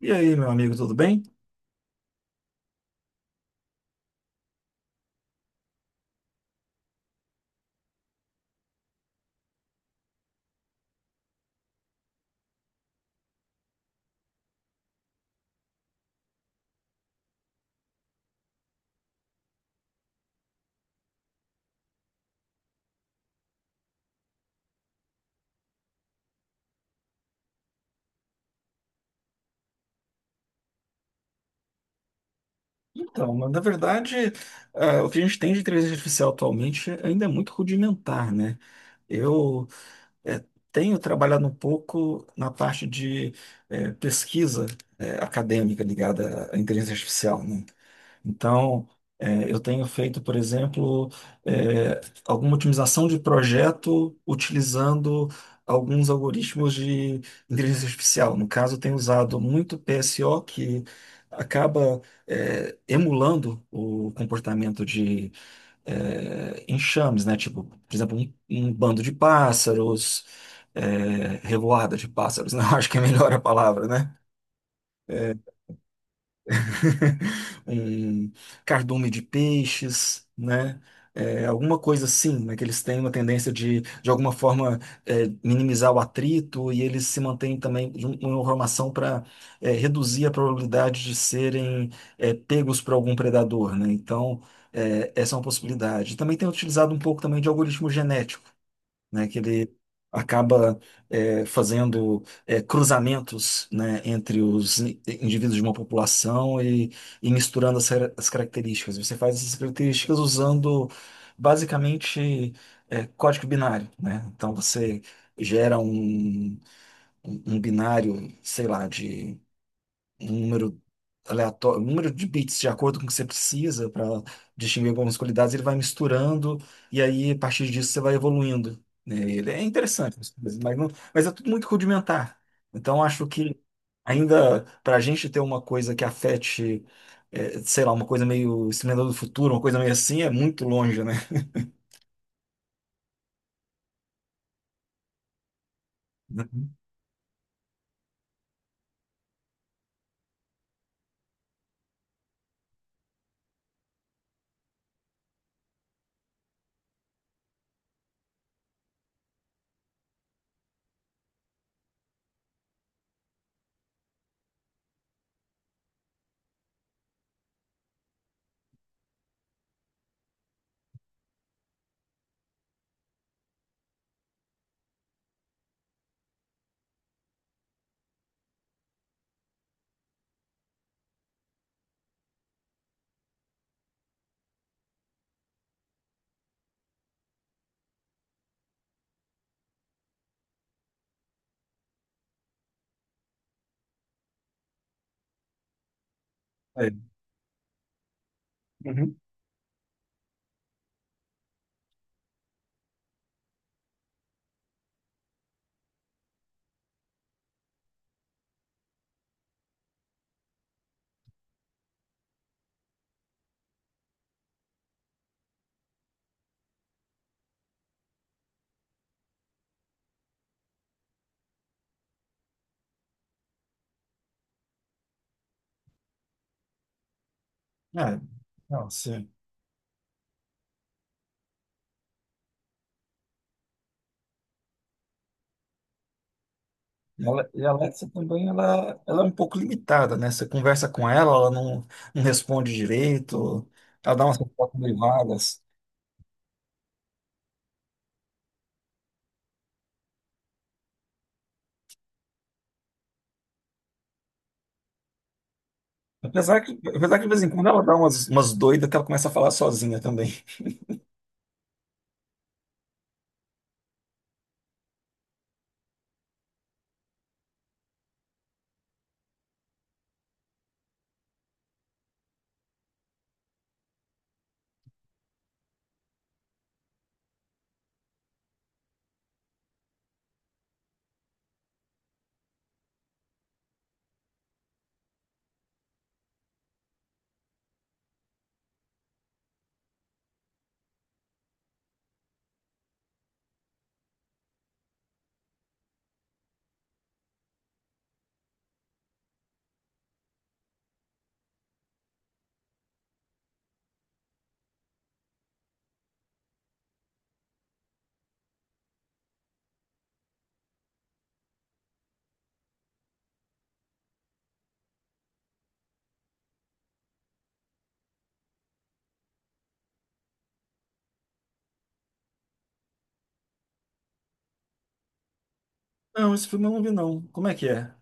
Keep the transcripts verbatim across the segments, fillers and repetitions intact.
E aí, meu amigo, tudo bem? Então, na na verdade, ah, o que a gente tem de inteligência artificial atualmente ainda é muito rudimentar, né? Eu eh, Tenho trabalhado um pouco na parte de eh, pesquisa eh, acadêmica ligada à inteligência artificial, né? Então, eh, eu tenho feito, por exemplo, eh, alguma otimização de projeto utilizando alguns algoritmos de inteligência artificial. No caso, eu tenho usado muito P S O, que acaba, eh, emulando o comportamento de, eh, enxames, né? Tipo, por exemplo, um, um bando de pássaros, eh, revoada de pássaros, não acho que é melhor a palavra, né? um cardume de peixes, né? É, alguma coisa assim, né? Que eles têm uma tendência de, de alguma forma, é, minimizar o atrito e eles se mantêm também de um- uma formação para reduzir a probabilidade de serem é, pegos por algum predador, né? Então, é, essa é uma possibilidade. Também tem utilizado um pouco também de algoritmo genético né, que ele acaba é, fazendo é, cruzamentos, né, entre os in- indivíduos de uma população e, e misturando as, car- as características. Você faz essas características usando basicamente é, código binário, né? Então você gera um, um um binário, sei lá, de um número aleatório, um número de bits de acordo com o que você precisa para distinguir algumas qualidades, ele vai misturando e aí a partir disso você vai evoluindo. Né? Ele é interessante, mas, mas não- mas é tudo muito rudimentar. Então acho que ainda para a gente ter uma coisa que afete, eh, sei lá, uma coisa meio Exterminador do Futuro, uma coisa meio assim, é muito longe, né? É. Uhum. É. Não, sim. E ela- e a Alexa também, ela, ela é um pouco limitada, né? Você conversa com ela, ela não, não responde direito, ela dá umas respostas meio vagas. Apesar que, apesar que de vez em quando ela dá umas, umas doidas que ela começa a falar sozinha também. Não, esse filme eu não vi, não. Como é que é?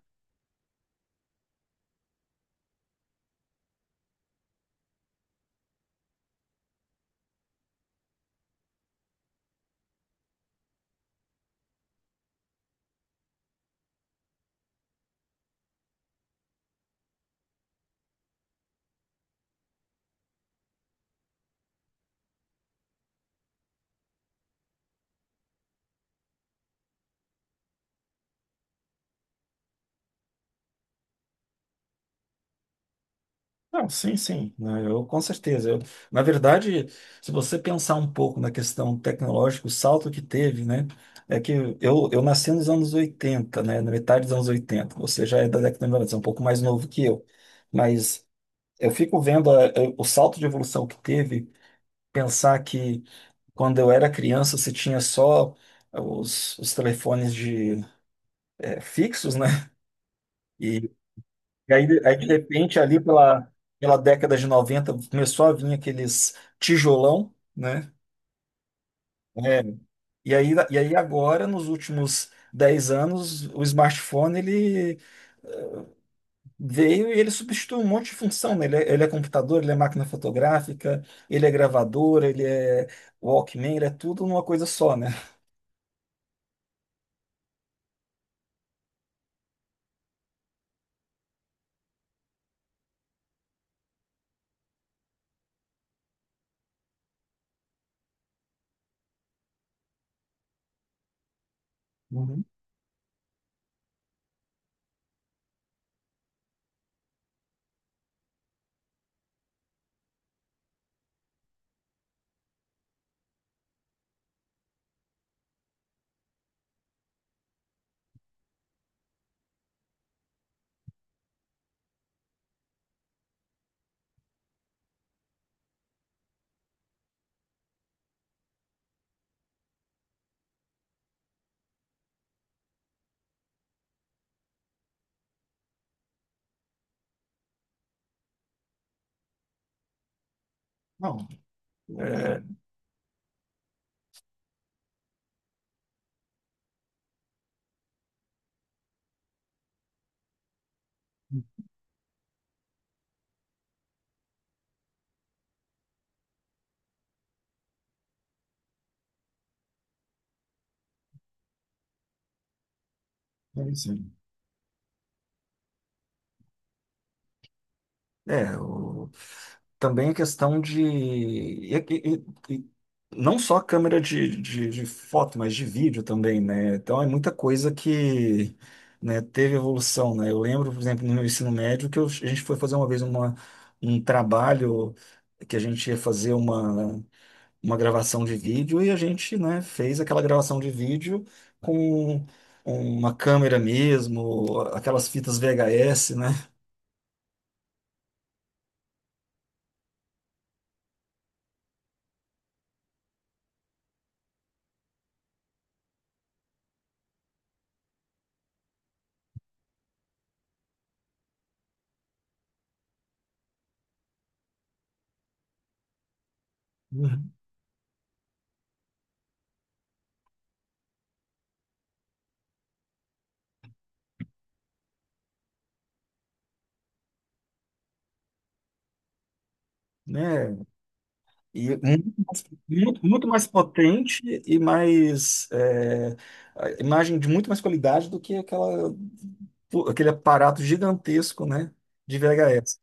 Não, sim, sim. Não, eu com certeza. Eu, na verdade, se você pensar um pouco na questão tecnológica, o salto que teve, né? É que eu, eu nasci nos anos oitenta, né? Na metade dos anos oitenta. Você já é da década de noventa, você é um pouco mais novo que eu. Mas eu fico vendo a- eu- o salto de evolução que teve, pensar que quando eu era criança você tinha só os, os telefones de, é, fixos, né? E, e aí, aí, de repente, ali pela, pela década de noventa começou a vir aqueles tijolão, né? É. E aí, e aí agora, nos últimos dez anos, o smartphone, ele veio e ele substitui um monte de função, né? Ele é, ele é computador, ele é máquina fotográfica, ele é gravadora, ele é Walkman, ele é tudo numa coisa só, né? Uhum. Não, é, deve ser. É, o- também a questão de e- e- e- e não só câmera de, de, de foto, mas de vídeo também, né? Então é muita coisa que, né, teve evolução, né? Eu lembro, por exemplo, no meu ensino médio, que eu- a gente foi fazer uma vez uma, um trabalho que a gente ia fazer uma. Uma gravação de vídeo e a gente, né, fez aquela gravação de vídeo com uma câmera mesmo, aquelas fitas V H S, né? Uhum. Né? E muito, mais muito- muito mais potente e mais é, a imagem de muito mais qualidade do que aquela, aquele aparato gigantesco, né, de V H S.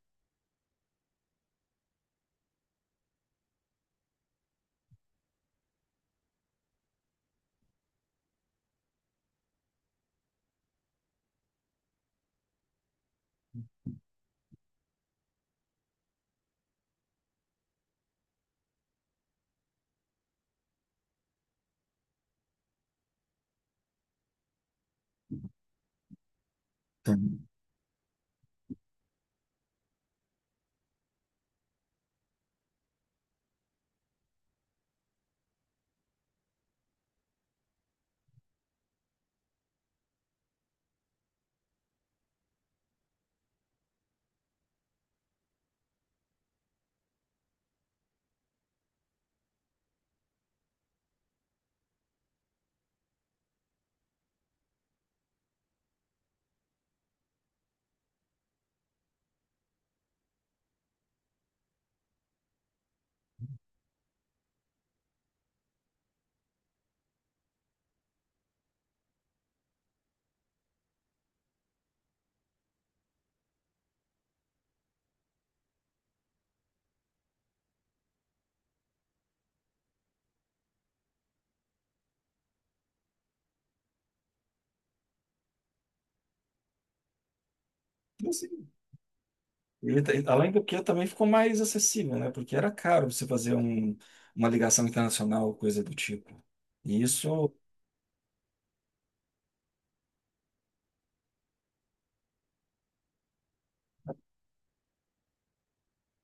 Ele, tá- além do que, também ficou mais acessível, né? Porque era caro você fazer um, uma ligação internacional, coisa do tipo. E isso,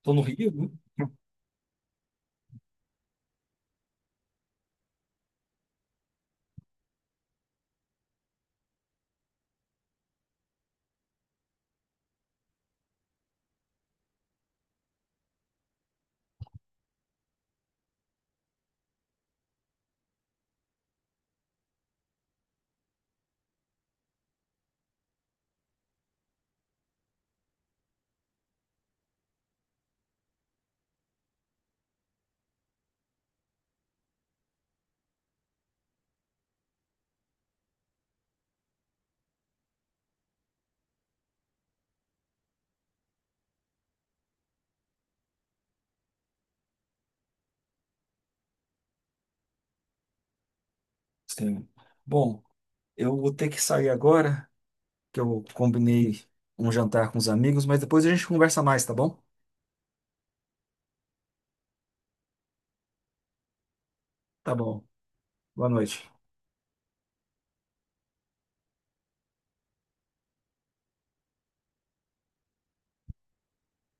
tô no Rio, né? Sim. Bom, eu vou ter que sair agora, que eu combinei um jantar com os amigos, mas depois a gente conversa mais, tá bom? Tá bom. Boa noite.